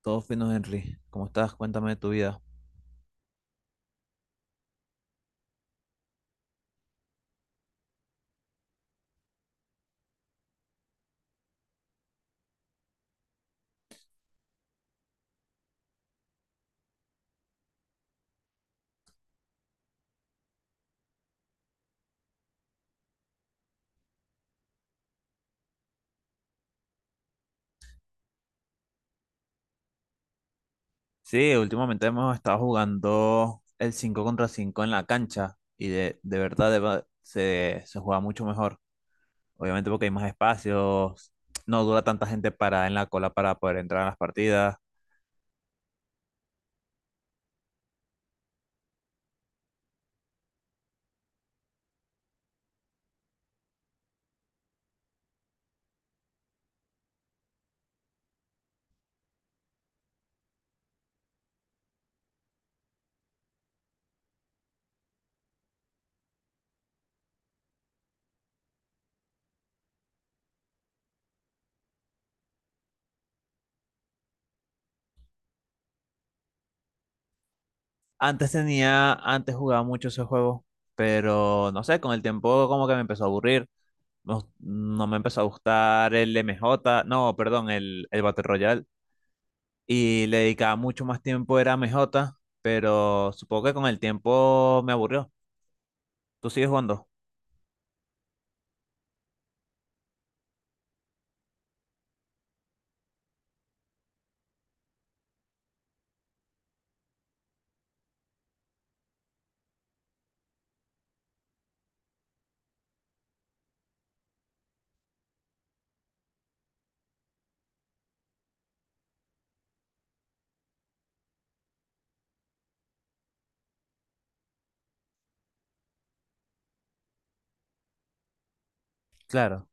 Todo fino, Henry. ¿Cómo estás? Cuéntame de tu vida. Sí, últimamente hemos estado jugando el 5 contra 5 en la cancha y de verdad se juega mucho mejor. Obviamente porque hay más espacios, no dura tanta gente parada en la cola para poder entrar a las partidas. Antes tenía, antes jugaba mucho ese juego, pero no sé, con el tiempo como que me empezó a aburrir. No, no me empezó a gustar el m j no, perdón, el Battle Royale. Y le dedicaba mucho más tiempo era a MJ, pero supongo que con el tiempo me aburrió. ¿Tú sigues jugando? Claro,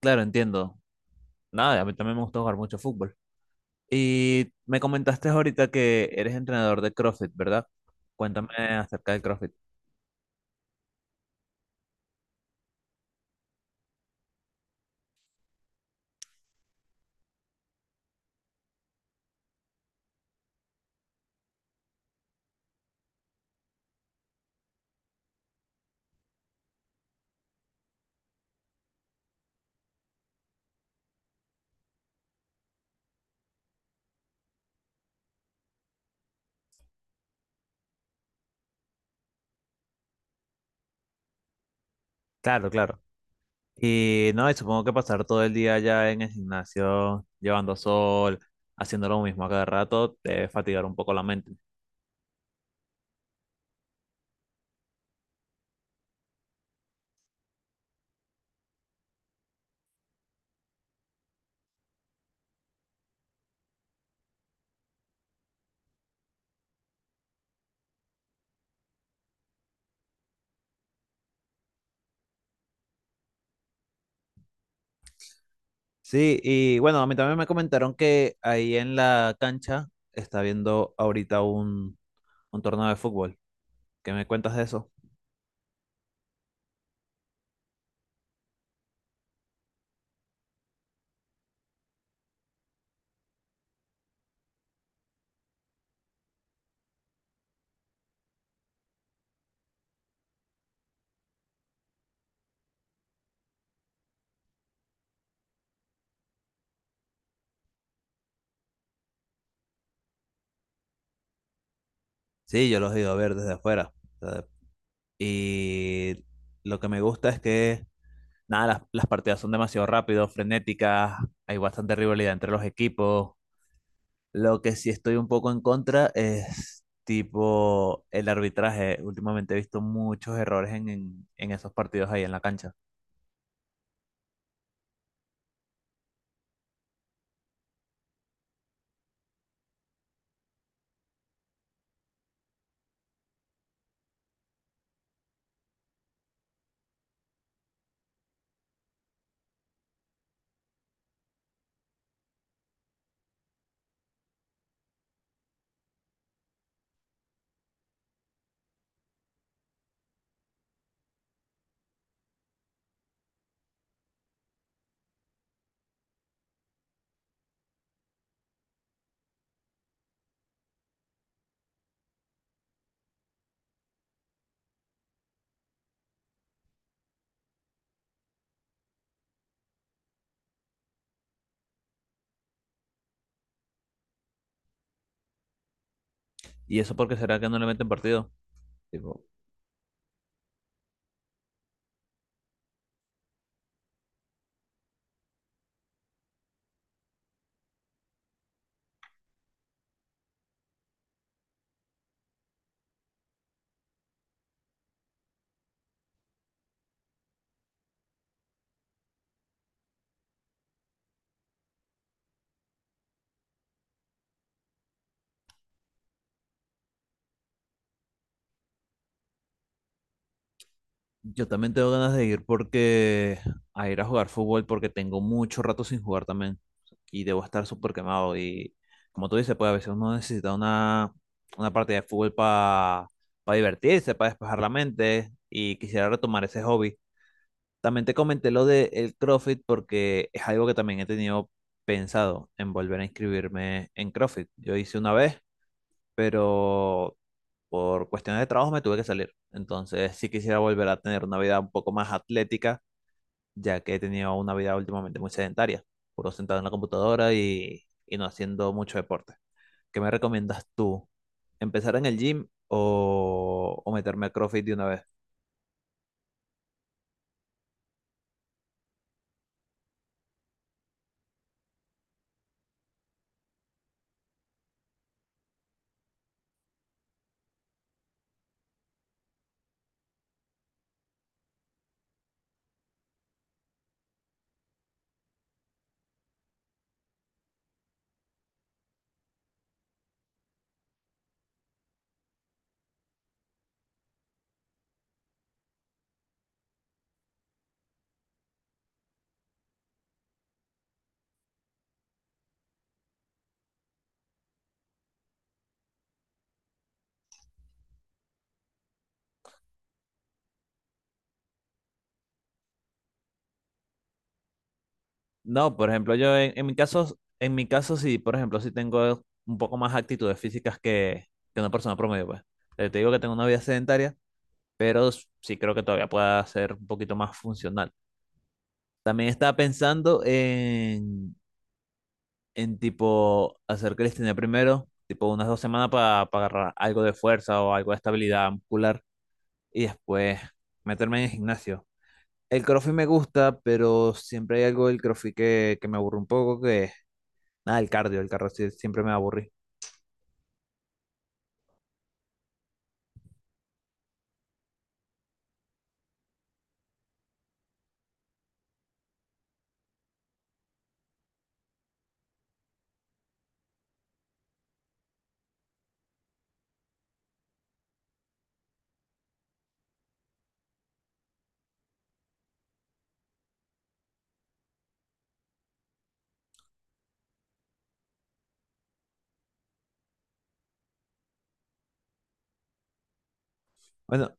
claro, entiendo. Nada, a mí también me gusta jugar mucho fútbol. Y me comentaste ahorita que eres entrenador de CrossFit, ¿verdad? Cuéntame acerca del CrossFit. Claro, claro. Y no, y supongo que pasar todo el día allá en el gimnasio, llevando sol, haciendo lo mismo a cada rato, te debe fatigar un poco la mente. Sí, y bueno, a mí también me comentaron que ahí en la cancha está viendo ahorita un torneo de fútbol. ¿Qué me cuentas de eso? Sí, yo los he ido a ver desde afuera. O sea, y lo que me gusta es que, nada, las partidas son demasiado rápidas, frenéticas, hay bastante rivalidad entre los equipos. Lo que sí estoy un poco en contra es tipo el arbitraje. Últimamente he visto muchos errores en esos partidos ahí en la cancha. ¿Y eso por qué será que no le meten partido? Tipo, yo también tengo ganas de ir porque a ir a jugar fútbol porque tengo mucho rato sin jugar también y debo estar súper quemado y, como tú dices, pues a veces uno necesita una partida de fútbol para divertirse, para despejar la mente, y quisiera retomar ese hobby. También te comenté lo del CrossFit porque es algo que también he tenido pensado en volver a inscribirme en CrossFit. Yo hice una vez, pero por cuestiones de trabajo me tuve que salir. Entonces sí quisiera volver a tener una vida un poco más atlética, ya que he tenido una vida últimamente muy sedentaria, puro sentado en la computadora y no haciendo mucho deporte. ¿Qué me recomiendas tú? ¿Empezar en el gym o meterme a CrossFit de una vez? No, por ejemplo, yo en mi caso sí, por ejemplo, sí tengo un poco más actitudes físicas que una persona promedio, pues. Te digo que tengo una vida sedentaria, pero sí creo que todavía pueda ser un poquito más funcional. También estaba pensando en tipo hacer calistenia primero, tipo unas 2 semanas para agarrar algo de fuerza o algo de estabilidad muscular y después meterme en el gimnasio. El CrossFit me gusta, pero siempre hay algo del CrossFit que me aburre un poco, que es nada, el cardio siempre me aburrí. Bueno,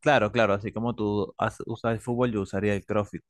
claro, claro, así como tú usas el fútbol, yo usaría el CrossFit.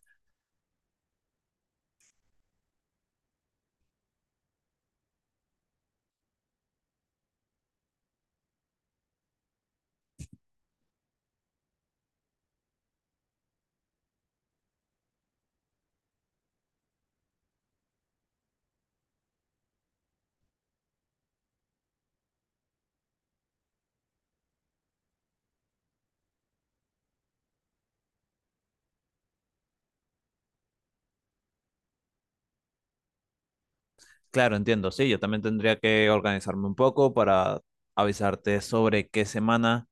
Claro, entiendo, sí, yo también tendría que organizarme un poco para avisarte sobre qué semana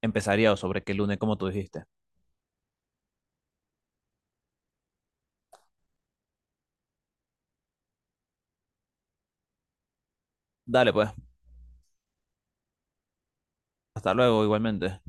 empezaría sobre qué lunes, como tú dijiste. Dale, pues. Hasta luego, igualmente.